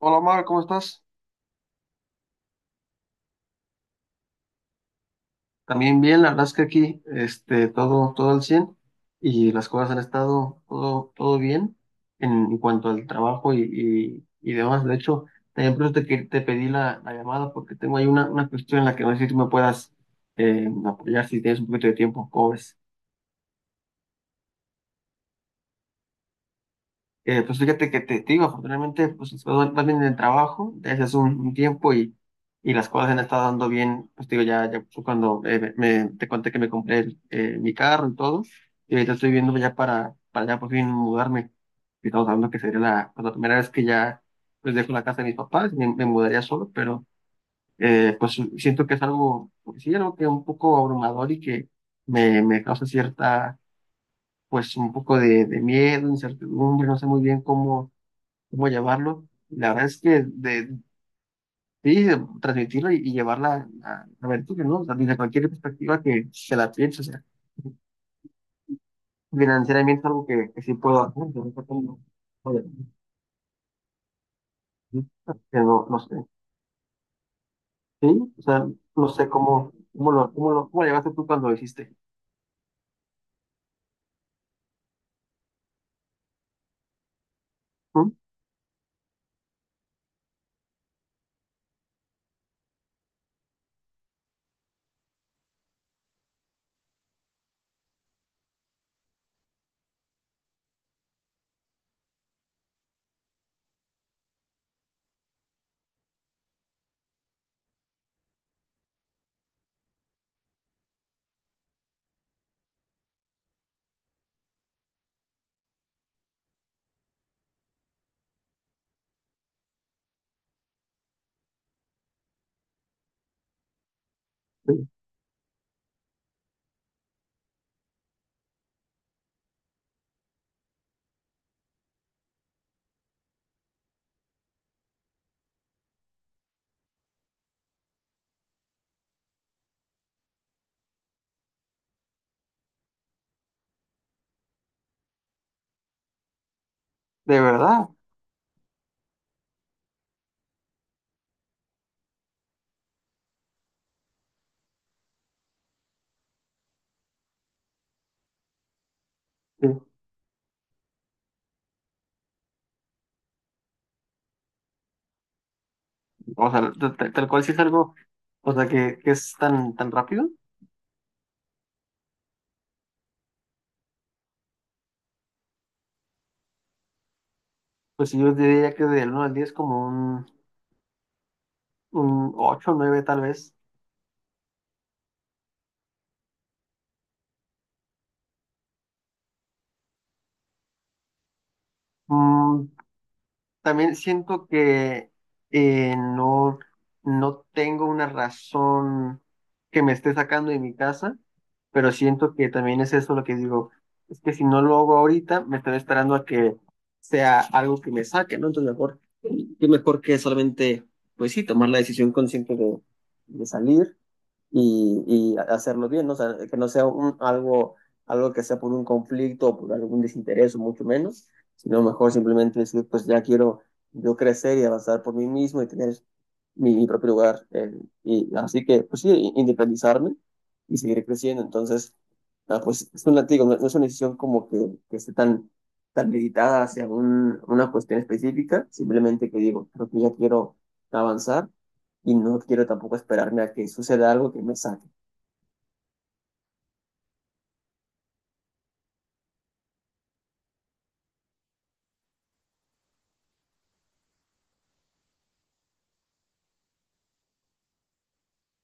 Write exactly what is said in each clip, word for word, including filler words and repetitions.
Hola Omar, ¿cómo estás? También bien, la verdad es que aquí este, todo, todo al cien y las cosas han estado todo, todo bien en, en cuanto al trabajo y, y- y demás. De hecho, también por eso te, que- te pedí la, la llamada porque tengo ahí una, una cuestión en la que no sé si tú me puedas eh, apoyar si tienes un poquito de tiempo. ¿Cómo ves? Eh, pues fíjate que te, te digo, afortunadamente, pues vas vas bien en el trabajo desde hace un, un tiempo y, y las cosas se han estado dando bien. Pues te digo, ya, ya fue cuando eh, me, me- te conté que me compré el, eh, mi carro y todo, y ahorita estoy viendo ya para, para ya por fin mudarme. Y estamos hablando que sería la, pues, la primera vez que ya pues dejo la casa de mis papás, me, me mudaría solo, pero eh, pues siento que es algo, pues, sí, algo que un poco abrumador y que me, me causa cierta, pues un poco de, de miedo, incertidumbre, no sé muy bien cómo cómo llevarlo. La verdad es que de, sí, de transmitirlo y, y llevarla a, a ver, ¿no? O sea, desde cualquier perspectiva que se la piense, o sea, financieramente es algo que, que sí puedo hacer, pero ahorita tengo- joder, pero no no sé, sí, o sea, no sé cómo, cómo lo, cómo lo, cómo lo llevaste tú cuando lo hiciste. ¿Mm? Sí. De verdad, sí. O sea, t- t- tal cual, si es algo, o sea, que, que es tan, tan rápido, pues yo diría que del uno al diez como un, un ocho nueve tal vez. Mm, también siento que eh, no, no tengo una razón que me esté sacando de mi casa, pero siento que también es eso lo que digo, es que si no lo hago ahorita, me estaré esperando a que sea algo que me saque, ¿no? Entonces mejor, qué mejor que solamente, pues sí, tomar la decisión consciente de, de salir y, y hacerlo bien, ¿no? O sea, que no sea un, algo, algo que sea por un conflicto o por algún desinterés o mucho menos, sino mejor simplemente decir, pues ya quiero yo crecer y avanzar por mí mismo y tener mi, mi propio lugar. Eh, y así que, pues sí, i- independizarme y seguir creciendo. Entonces, ah, pues es un latigo, no, no es una decisión como que, que esté tan, tan meditada hacia un- una cuestión específica, simplemente que digo, creo que ya quiero avanzar y no quiero tampoco esperarme a que suceda algo que me saque.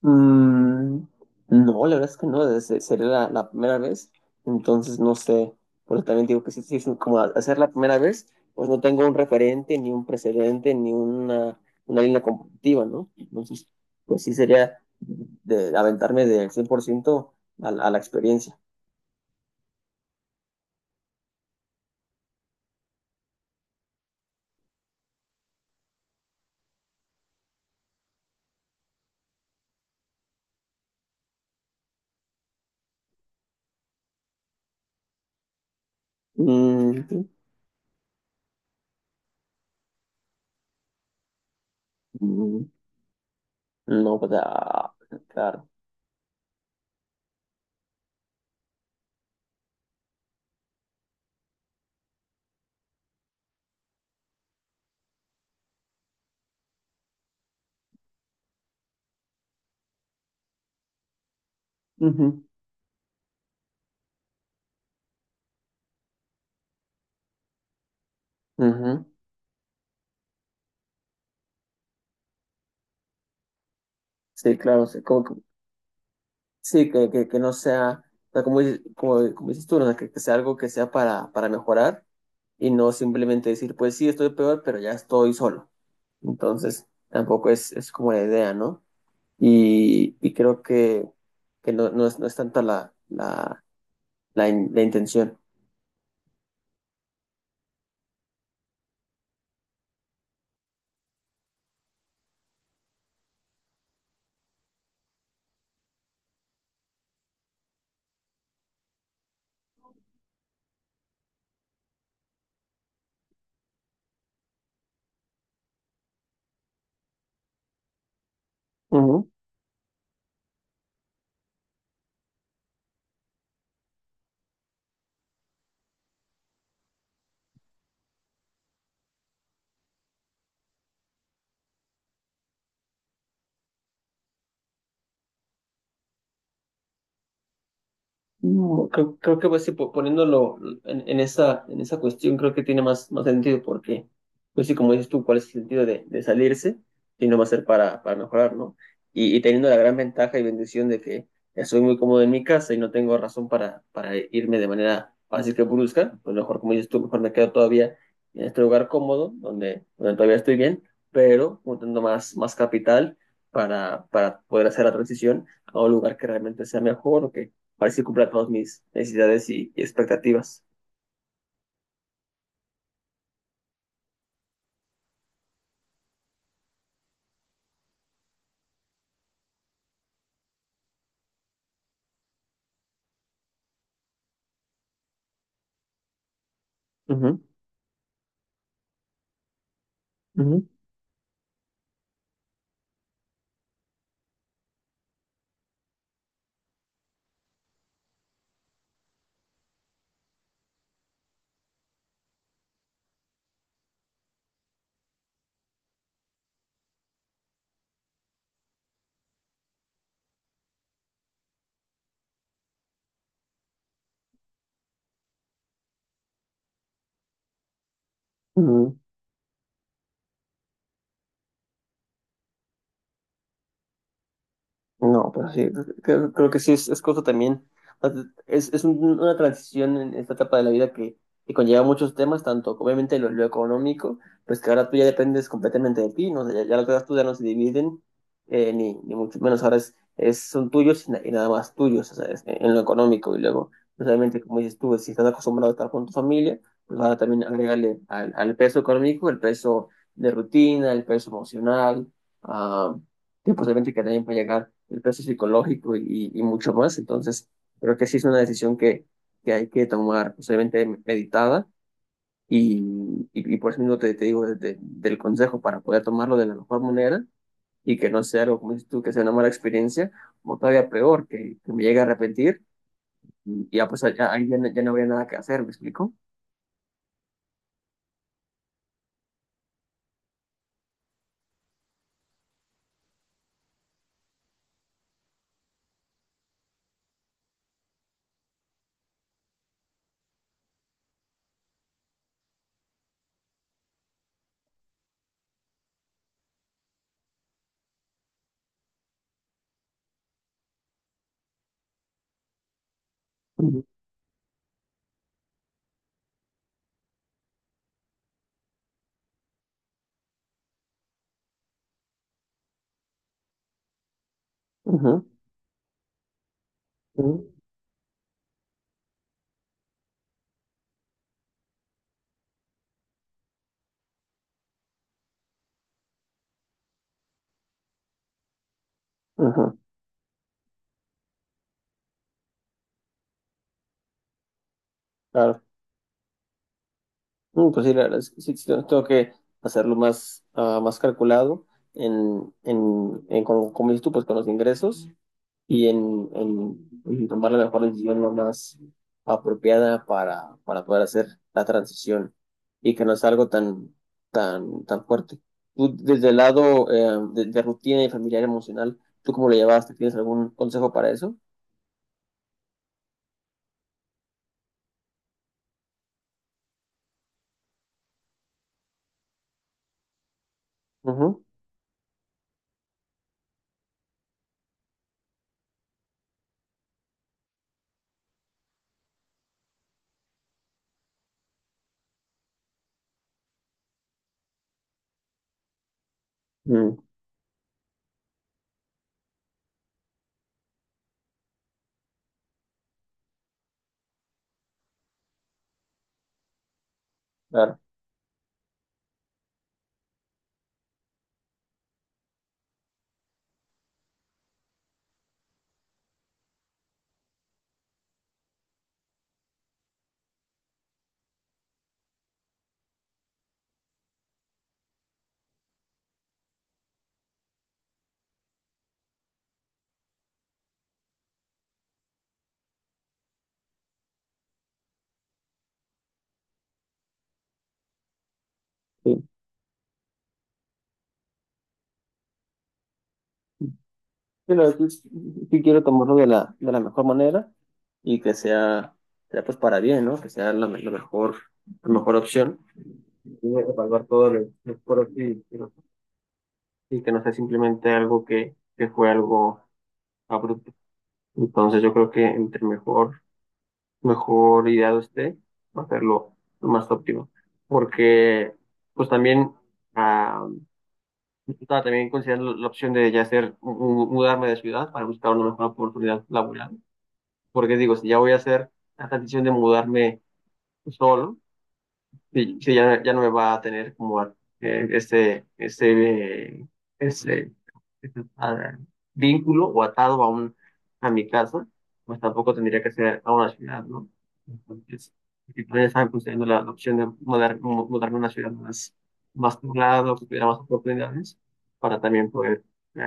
Mm, no, la verdad es que no, desde- sería la, la primera vez, entonces no sé, porque también digo que sí, sí, es como hacer la primera vez, pues no tengo un referente, ni un precedente, ni una, una línea competitiva, ¿no? Entonces, pues sí sería de aventarme del cien por ciento a, la a la experiencia. Mm, sí. Mm, no, pues ah, claro. Ujú, ujú. Sí, claro, sí, como que sí, que, que, que no sea, o sea, como, dices- como, como dices tú, ¿no? O sea, que, que sea algo que sea para, para mejorar y no simplemente decir, pues sí, estoy peor, pero ya estoy solo. Entonces, tampoco es, es como la idea, ¿no? Y, y creo que, que no, no es, no es tanto la, la, la, in- la intención. No, creo, creo que pues sí, po- poniéndolo en, en esa, en esa cuestión, creo que tiene más, más sentido porque, pues sí, como dices tú, ¿cuál es el sentido de, de salirse? Si no va a ser para, para mejorar, ¿no? Y, y teniendo la gran ventaja y bendición de que estoy muy cómodo en mi casa y no tengo razón para, para irme de manera fácil que brusca, pues mejor, como dices tú, mejor me quedo todavía en este lugar cómodo, donde, donde todavía estoy bien, pero juntando más, más capital para, para poder hacer la transición a un lugar que realmente sea mejor o que para ver si cumpla todas mis necesidades y, y expectativas. Ujú, ujú, ujú. No, pero sí, creo, creo que sí es, es cosa también. Es, es un- una transición en esta etapa de la vida que, que conlleva muchos temas, tanto obviamente lo, lo económico, pues que ahora tú ya dependes completamente de ti, ¿no? O sea, ya, ya las cosas tuyas no se dividen, eh, ni, ni mucho menos. Ahora es, es, son tuyos y, na- y nada más tuyos, o sea, es- en lo económico. Y luego, pues, obviamente, como dices tú, si estás acostumbrado a estar con tu familia, pues ahora también agregarle al, al peso económico el peso de rutina, el peso emocional. ah, que posiblemente que también puede llegar el peso psicológico y, y mucho más. Entonces, creo que sí es una decisión que, que hay que tomar posiblemente meditada y, y, y por eso mismo te, te digo desde- del consejo para poder tomarlo de la mejor manera y que no sea algo, como dices tú, que sea una mala experiencia o todavía peor, que, que me llegue a arrepentir y ya pues ya, ahí ya, no ya no habría nada que hacer, ¿me explico? Ujú, ujú, ujú, ujú, claro. Mm, pues sí, la verdad es que sí, sí, tengo que hacerlo más, ah, más calculado en, en, en con- como dices tú, pues con los ingresos y en, en, en tomar la mejor decisión, lo más apropiada para, para poder hacer la transición y que no es algo tan, tan, tan fuerte. Tú, desde el lado eh, de, de rutina y familiar emocional, ¿tú cómo lo llevaste? ¿Tienes algún consejo para eso? Ujú. Mm, claro. Pero pues, sí quiero tomarlo de la, de la mejor manera y que sea, sea pues para bien, ¿no? Que sea la, la mejor, la mejor opción. Y evaluar todo lo lo pros y, y los- y que no sea simplemente algo que, que fue algo abrupto. Entonces yo creo que entre mejor, mejor ideado esté, va a ser lo, lo más óptimo. Porque pues también, ah, estaba también considerando la opción de ya hacer, mu- mu- mudarme de ciudad para buscar una mejor oportunidad laboral. Porque digo, si ya voy a hacer la decisión de mudarme solo, sí, sí, ya, ya no me va a tener como eh, este, este, eh, este, este, ah, vínculo o atado a un, a mi casa, pues tampoco tendría que ser a una ciudad, ¿no? Entonces, si todavía estaban considerando la, la opción de mudar, mu- mudarme a una ciudad más, más poblada, que tuviera más oportunidades, para también poder eh,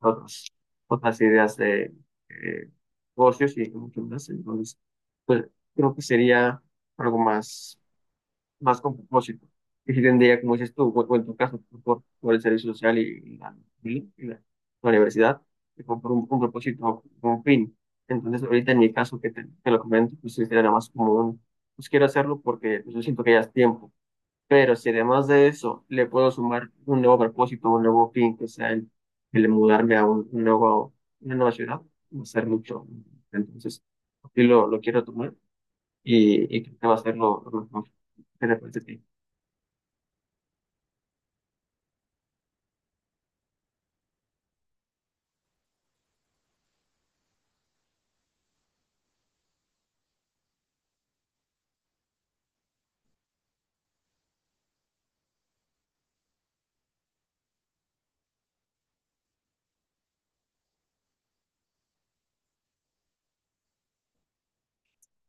otras, otras ideas de eh, negocios y mucho más. Entonces, pues creo que sería algo más más con propósito. Y si tendría, como dices tú, o o en tu caso, tú por, por el servicio social y, y la, y la- la universidad, y por, por un, un propósito, por un fin. Entonces, ahorita en mi caso, que te, te lo comento, pues sí, sería nada más como un, pues quiero hacerlo porque pues, yo siento que ya es tiempo. Pero si además de eso le puedo sumar un nuevo propósito, un nuevo fin, que sea el, el mudarme a un, un nuevo, una nueva ciudad, va a ser mucho. Entonces, así lo, lo quiero tomar y, y creo que va a ser lo, lo mejor. ¿Qué te parece a ti?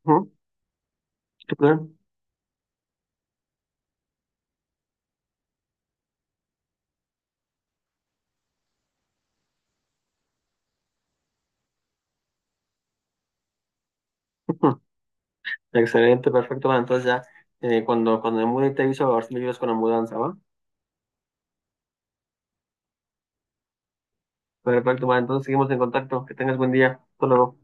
Ujú, qué claro. Ujú. Excelente, perfecto. Bueno, entonces ya eh, cuando, cuando me mude te aviso a ver si me ayudas con la mudanza, ¿va? Perfecto, bueno, entonces seguimos en contacto. Que tengas buen día. Hasta luego.